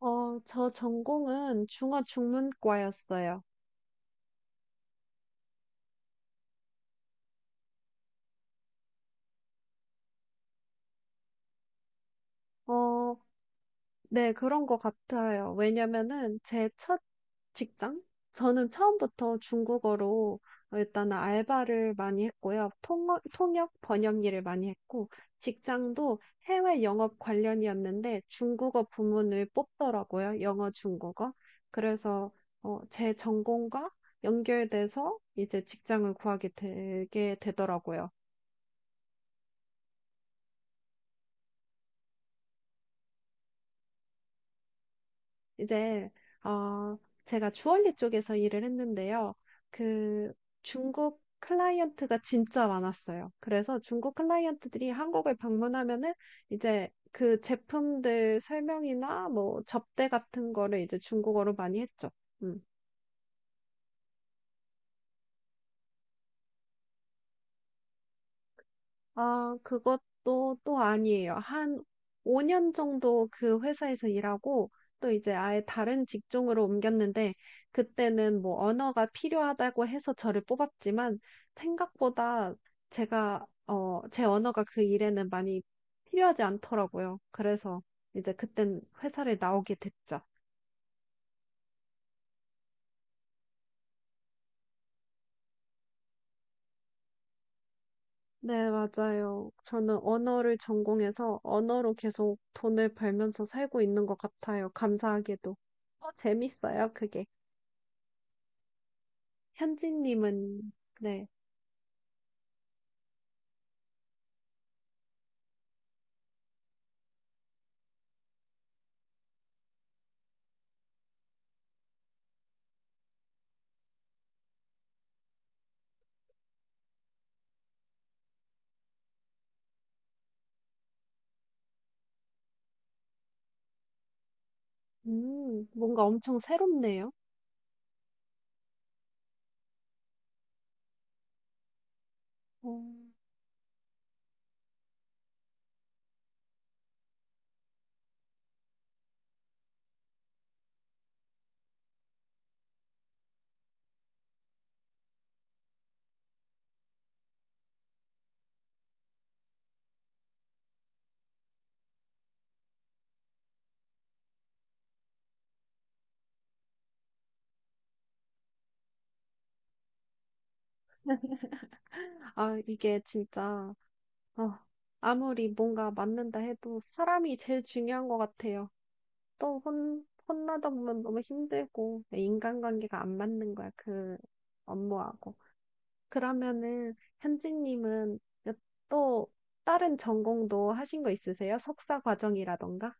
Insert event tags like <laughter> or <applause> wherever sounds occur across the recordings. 저 전공은 중어중문과였어요. 어, 네, 그런 것 같아요. 왜냐면은 제 첫 직장? 저는 처음부터 중국어로 일단 은 알바를 많이 했고요. 통역, 번역 일을 많이 했고, 직장도 해외 영업 관련이었는데 중국어 부문을 뽑더라고요. 영어, 중국어. 그래서 제 전공과 연결돼서 이제 직장을 구하게 되게 되더라고요. 이제 어 제가 주얼리 쪽에서 일을 했는데요. 그 중국 클라이언트가 진짜 많았어요. 그래서 중국 클라이언트들이 한국을 방문하면은 이제 그 제품들 설명이나 뭐 접대 같은 거를 이제 중국어로 많이 했죠. 음. 아, 그것도 또 아니에요. 한 5년 정도 그 회사에서 일하고 또 이제 아예 다른 직종으로 옮겼는데 그때는 뭐 언어가 필요하다고 해서 저를 뽑았지만 생각보다 제가 제 언어가 그 일에는 많이 필요하지 않더라고요. 그래서 이제 그땐 회사를 나오게 됐죠. 네, 맞아요. 저는 언어를 전공해서 언어로 계속 돈을 벌면서 살고 있는 것 같아요. 감사하게도. 어, 재밌어요, 그게. 현진님은, 네. 뭔가 엄청 새롭네요. 음. 아, 이게 진짜, 어, 아무리 뭔가 맞는다 해도 사람이 제일 중요한 것 같아요. 또 혼나다 보면 너무 힘들고, 인간관계가 안 맞는 거야, 그 업무하고. 그러면은 현진님은 또 다른 전공도 하신 거 있으세요? 석사 과정이라던가?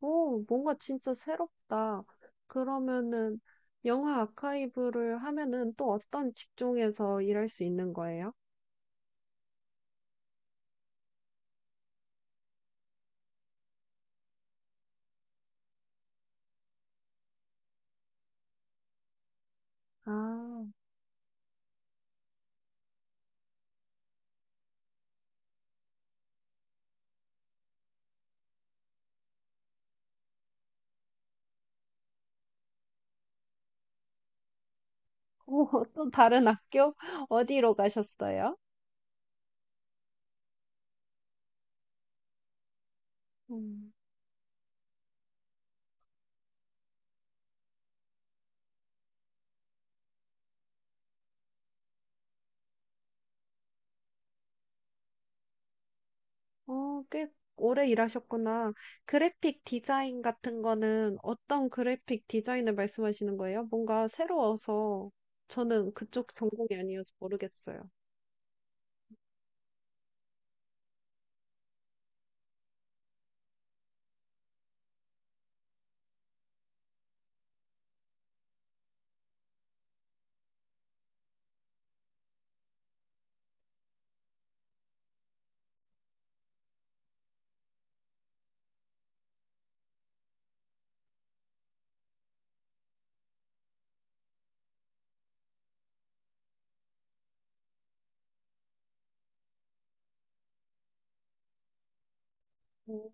오, 뭔가 진짜 새롭다. 그러면은 영화 아카이브를 하면은 또 어떤 직종에서 일할 수 있는 거예요? 아, 오, <laughs> 또 다른 학교? 어디로 가셨어요? 음. 어, 꽤 오래 일하셨구나. 그래픽 디자인 같은 거는 어떤 그래픽 디자인을 말씀하시는 거예요? 뭔가 새로워서 저는 그쪽 전공이 아니어서 모르겠어요. 어,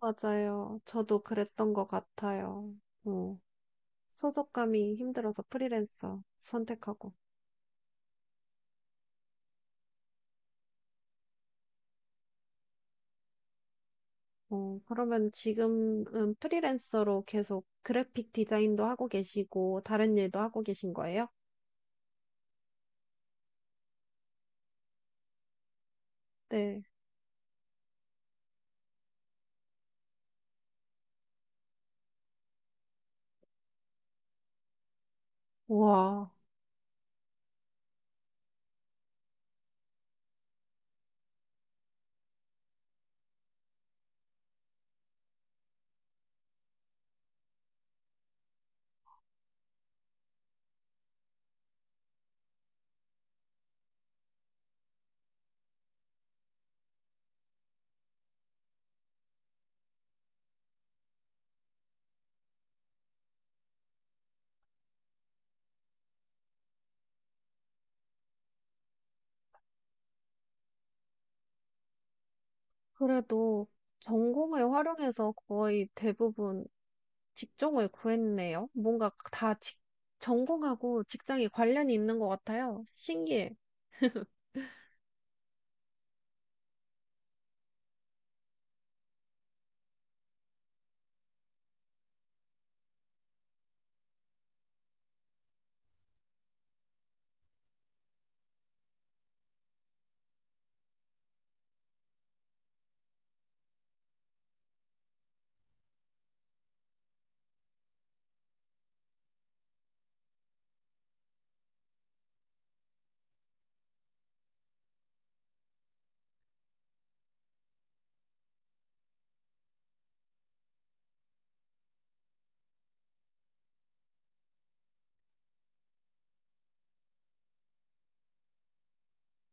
맞아요. 저도 그랬던 것 같아요. 어, 소속감이 힘들어서 프리랜서 선택하고. 어, 그러면 지금은 프리랜서로 계속 그래픽 디자인도 하고 계시고 다른 일도 하고 계신 거예요? 네. 와. 그래도 전공을 활용해서 거의 대부분 직종을 구했네요. 뭔가 전공하고 직장이 관련이 있는 것 같아요. 신기해.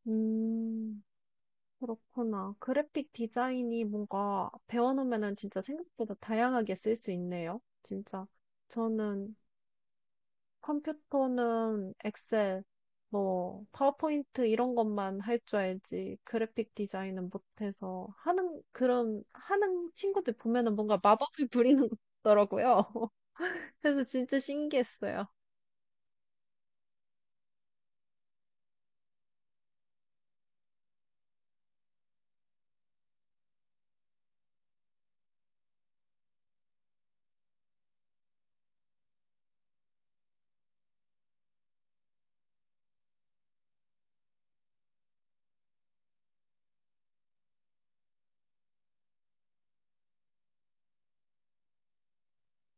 음, 그렇구나. 그래픽 디자인이 뭔가 배워놓으면은 진짜 생각보다 다양하게 쓸 수 있네요. 진짜. 저는 컴퓨터는 엑셀, 뭐, 파워포인트 이런 것만 할 줄 알지, 그래픽 디자인은 못해서 하는 친구들 보면은 뭔가 마법을 <laughs> 부리는 것 같더라고요. <laughs> 그래서 진짜 신기했어요.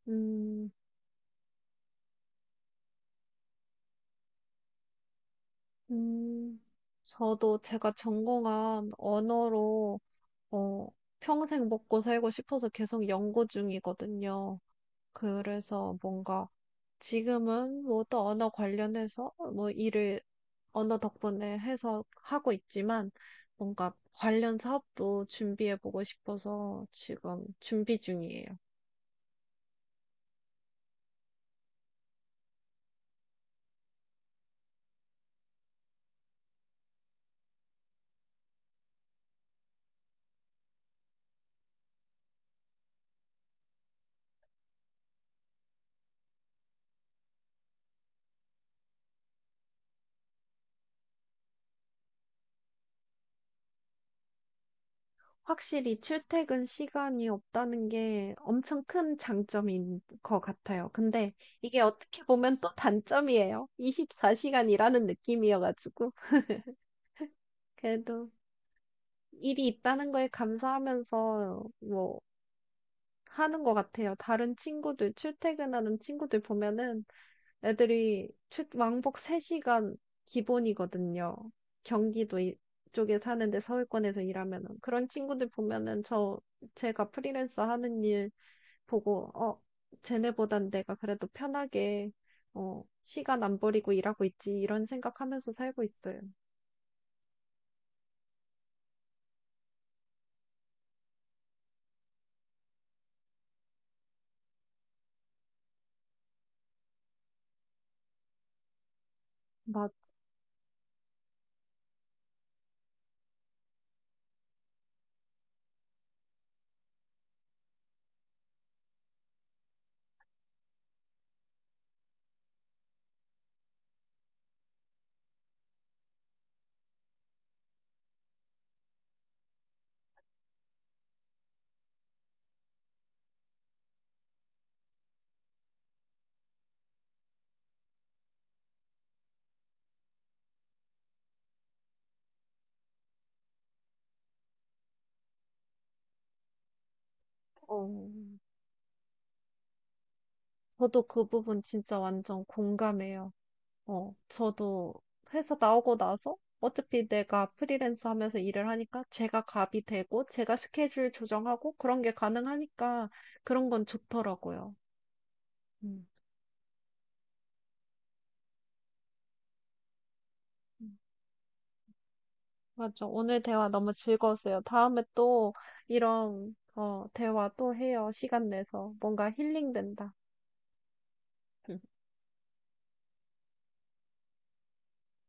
음, 음, 저도 제가 전공한 언어로, 어, 평생 먹고 살고 싶어서 계속 연구 중이거든요. 그래서 뭔가 지금은 뭐 또 언어 관련해서 뭐 일을 언어 덕분에 해서 하고 있지만 뭔가 관련 사업도 준비해보고 싶어서 지금 준비 중이에요. 확실히 출퇴근 시간이 없다는 게 엄청 큰 장점인 것 같아요. 근데 이게 어떻게 보면 또 단점이에요. 24시간 일하는 느낌이어가지고. 그래도 일이 있다는 거에 감사하면서 뭐 하는 것 같아요. 다른 친구들, 출퇴근하는 친구들 보면은 애들이 왕복 3시간 기본이거든요. 경기도 이- 쪽에 사는데 서울권에서 일하면은 그런 친구들 보면은 제가 프리랜서 하는 일 보고 어 쟤네보단 내가 그래도 편하게 어 시간 안 버리고 일하고 있지 이런 생각하면서 살고 있어요. 맞, 어, 저도 그 부분 진짜 완전 공감해요. 어, 저도 회사 나오고 나서 어차피 내가 프리랜서 하면서 일을 하니까 제가 갑이 되고 제가 스케줄 조정하고 그런 게 가능하니까 그런 건 좋더라고요. 음. 음, 맞아 오늘 대화 너무 즐거웠어요. 다음에 또 이런 대화 또 해요. 시간 내서 뭔가 힐링된다.